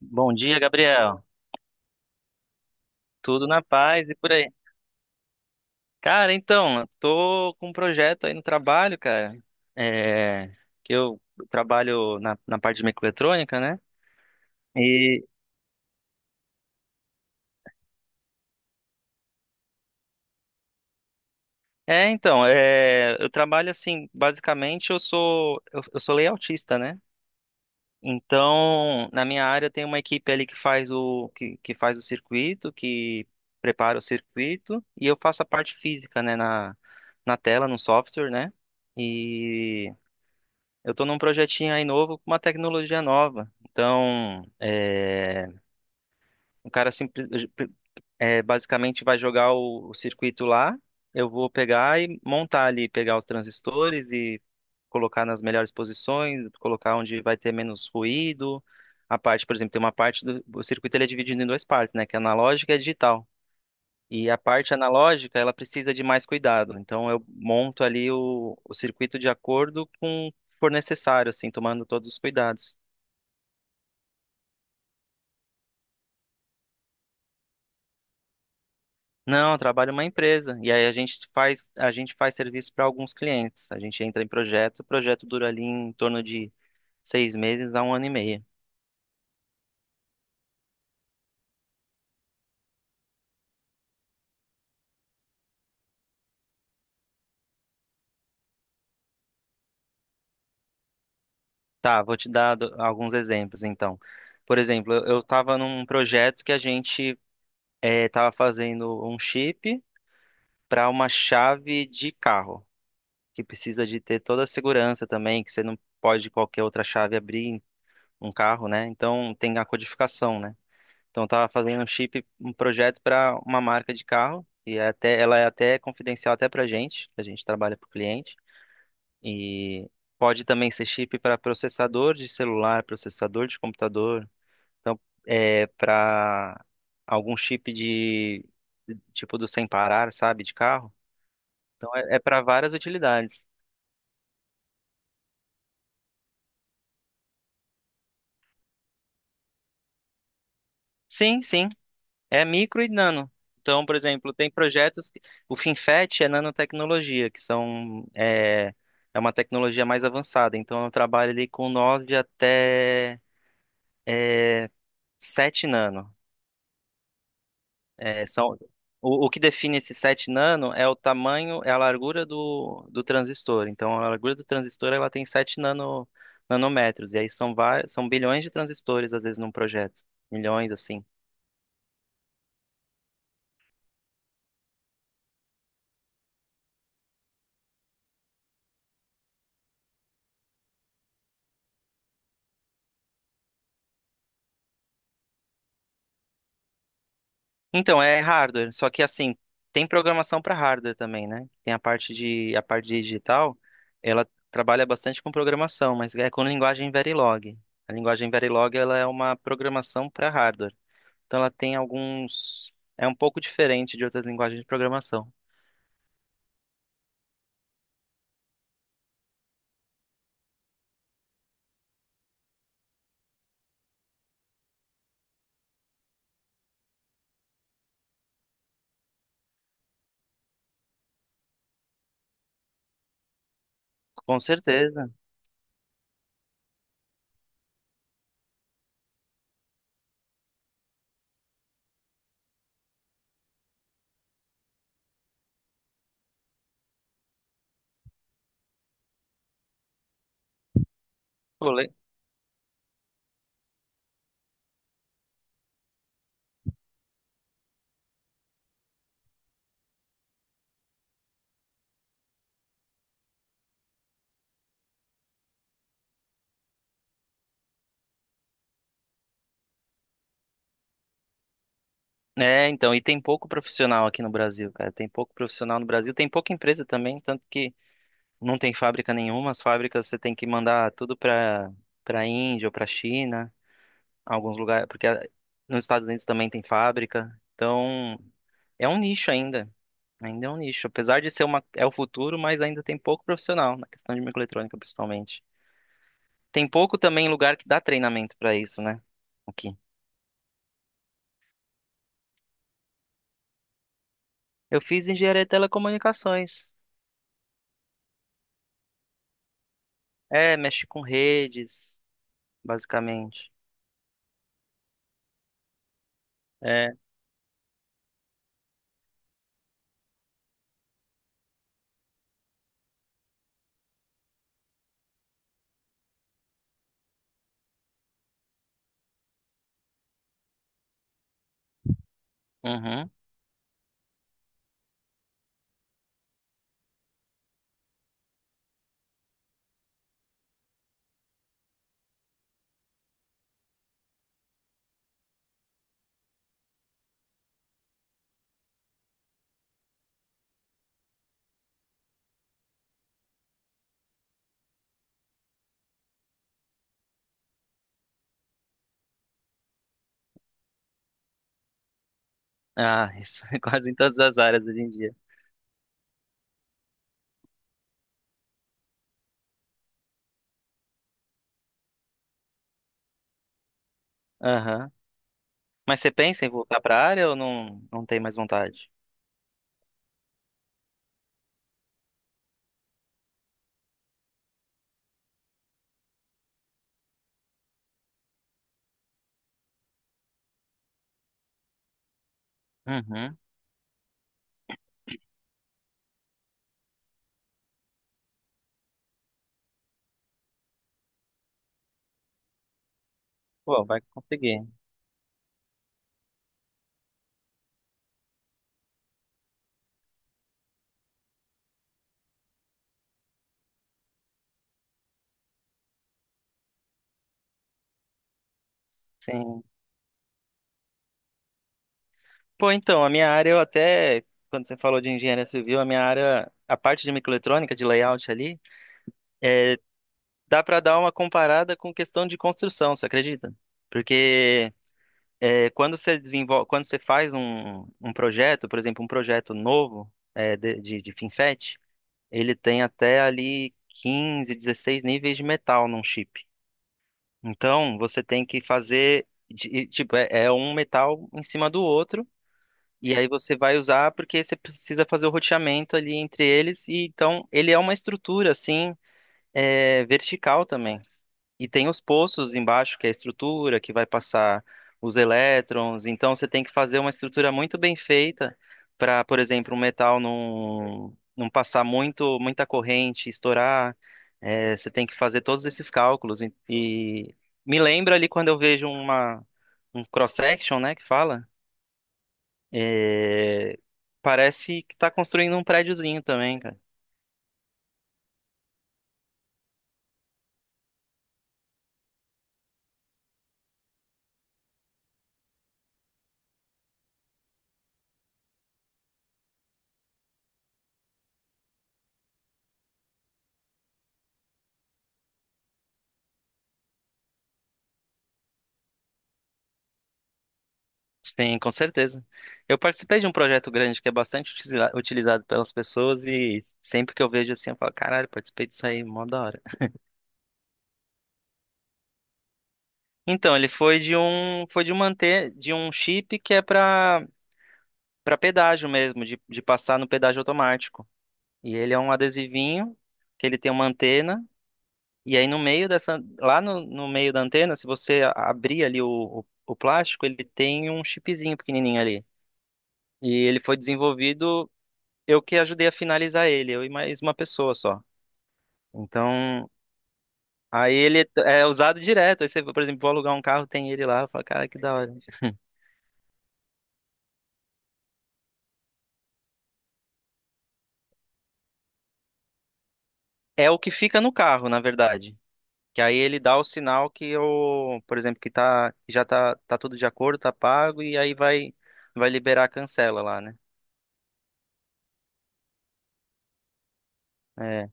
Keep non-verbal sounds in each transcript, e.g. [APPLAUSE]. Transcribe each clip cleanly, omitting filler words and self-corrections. Bom dia, Gabriel. Tudo na paz e por aí. Cara, então, eu tô com um projeto aí no trabalho, cara. É, que eu trabalho na parte de microeletrônica, né? E eu trabalho assim, basicamente eu sou layoutista, né? Então, na minha área tem uma equipe ali que faz que faz o circuito, que prepara o circuito, e eu faço a parte física, né, na tela, no software, né? E Eu tô num projetinho aí novo com uma tecnologia nova. Então, o cara simples, é, basicamente vai jogar o circuito lá, eu vou pegar e montar ali, pegar os transistores e colocar nas melhores posições, colocar onde vai ter menos ruído. A parte, por exemplo, tem uma parte do o circuito ele é dividido em duas partes, né? Que é analógica e digital. E a parte analógica, ela precisa de mais cuidado. Então, eu monto ali o circuito de acordo com o que for necessário, assim, tomando todos os cuidados. Não, eu trabalho em uma empresa e aí a gente faz serviço para alguns clientes. A gente entra em projeto, o projeto dura ali em torno de seis meses a um ano e meio. Tá, vou te dar alguns exemplos então. Por exemplo, eu estava num projeto que a gente estava fazendo um chip para uma chave de carro. Que precisa de ter toda a segurança também, que você não pode qualquer outra chave abrir um carro, né? Então tem a codificação, né? Então eu tava fazendo um chip, um projeto para uma marca de carro e é até ela é até confidencial até para gente, a gente trabalha para o cliente e pode também ser chip para processador de celular, processador de computador, então é para algum chip de tipo do sem parar, sabe, de carro. Então é para várias utilidades. Sim, sim. É micro e nano. Então, por exemplo, tem projetos que... O FinFET é nanotecnologia, que são... É, é uma tecnologia mais avançada. Então, eu trabalho ali com 9 até é, 7 nano. É, são... o que define esse 7 nano é o tamanho, é a largura do transistor. Então, a largura do transistor, ela tem 7 nano, nanômetros. E aí são, vários, são bilhões de transistores, às vezes, num projeto. Milhões, assim. Então, é hardware, só que assim, tem programação para hardware também, né? Tem a parte digital, ela trabalha bastante com programação, mas é com linguagem Verilog. A linguagem Verilog, ela é uma programação para hardware. Então ela tem alguns é um pouco diferente de outras linguagens de programação. Com certeza. Pô, le- É, então, e tem pouco profissional aqui no Brasil, cara. Tem pouco profissional no Brasil, tem pouca empresa também, tanto que não tem fábrica nenhuma, as fábricas você tem que mandar tudo para Índia ou para China. Alguns lugares, porque nos Estados Unidos também tem fábrica. Então, é um nicho ainda. Ainda é um nicho. Apesar de ser uma, é o futuro, mas ainda tem pouco profissional na questão de microeletrônica, principalmente. Tem pouco também lugar que dá treinamento para isso, né? Aqui. Eu fiz engenharia de telecomunicações. É, mexe com redes, basicamente. É. Uhum. Ah, isso [LAUGHS] é quase em todas as áreas hoje em dia. Aham. Mas você pensa em voltar para a área ou não, não tem mais vontade? Uhum. Pô, vai conseguir. Sim. Pô, então, a minha área eu até, quando você falou de engenharia civil, a minha área, a parte de microeletrônica, de layout ali, é, dá para dar uma comparada com questão de construção, você acredita? Porque é, quando você desenvolve, quando você faz um projeto, por exemplo, um projeto novo é, de FinFET, ele tem até ali 15 16 níveis de metal num chip. Então, você tem que fazer, tipo, é um metal em cima do outro. E aí você vai usar porque você precisa fazer o roteamento ali entre eles. E então ele é uma estrutura assim é, vertical também. E tem os poços embaixo, que é a estrutura que vai passar os elétrons. Então você tem que fazer uma estrutura muito bem feita para, por exemplo, um metal não passar muito muita corrente, estourar. É, você tem que fazer todos esses cálculos. E me lembra ali quando eu vejo um cross-section, né, que fala. É, parece que tá construindo um prédiozinho também, cara. Sim, com certeza. Eu participei de um projeto grande que é bastante utilizado pelas pessoas e sempre que eu vejo assim, eu falo, caralho, participei disso aí, mó da hora. Então, ele foi foi de um manter, de um chip que é para pedágio mesmo, de passar no pedágio automático. E ele é um adesivinho que ele tem uma antena. E aí no meio dessa, lá no meio da antena, se você abrir ali o plástico, ele tem um chipzinho pequenininho ali. E ele foi desenvolvido, eu que ajudei a finalizar ele, eu e mais uma pessoa só. Então, aí ele é usado direto. Aí você, por exemplo, vou alugar um carro, tem ele lá, eu falo, cara, que da hora. É o que fica no carro, na verdade. Que aí ele dá o sinal que eu, por exemplo, que tá, que já tá, tá tudo de acordo, tá pago, e aí vai liberar a cancela lá, né? É,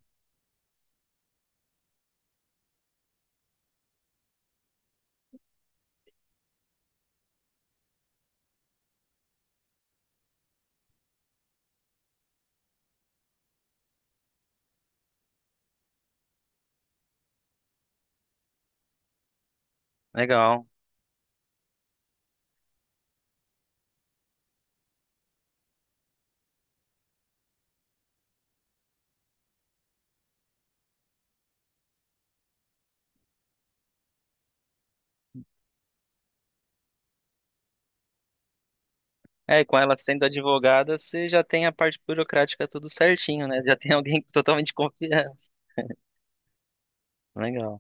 legal. É, e com ela sendo advogada, você já tem a parte burocrática tudo certinho, né? Já tem alguém [LAUGHS] totalmente de confiança. Legal,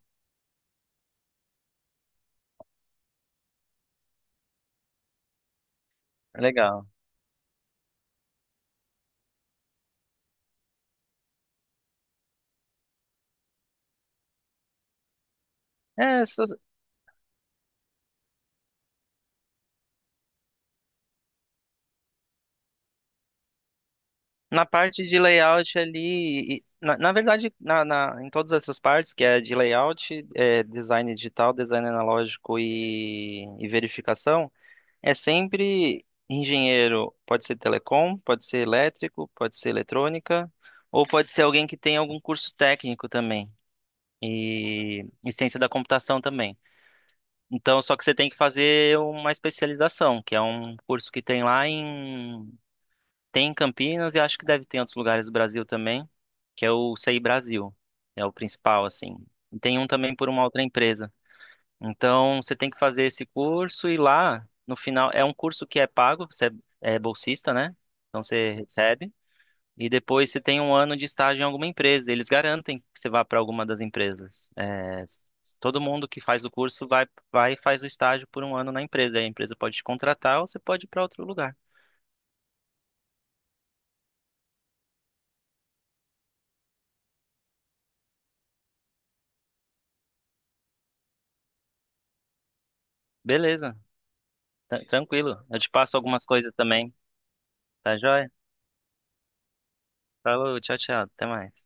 legal. É, só- Na parte de layout ali, na, em todas essas partes, que é de layout, é, design digital, design analógico e verificação, é sempre engenheiro, pode ser telecom, pode ser elétrico, pode ser eletrônica, ou pode ser alguém que tem algum curso técnico também, e ciência da computação também. Então, só que você tem que fazer uma especialização, que é um curso que tem lá em. Tem em Campinas e acho que deve ter em outros lugares do Brasil também, que é o CI Brasil. É o principal, assim. E tem um também por uma outra empresa. Então, você tem que fazer esse curso e lá, no final, é um curso que é pago, você é bolsista, né? Então, você recebe. E depois você tem um ano de estágio em alguma empresa. Eles garantem que você vá para alguma das empresas. Todo mundo que faz o curso vai e faz o estágio por um ano na empresa. Aí a empresa pode te contratar ou você pode ir para outro lugar. Beleza, tranquilo. Eu te passo algumas coisas também. Tá joia? Falou, tchau, tchau. Até mais.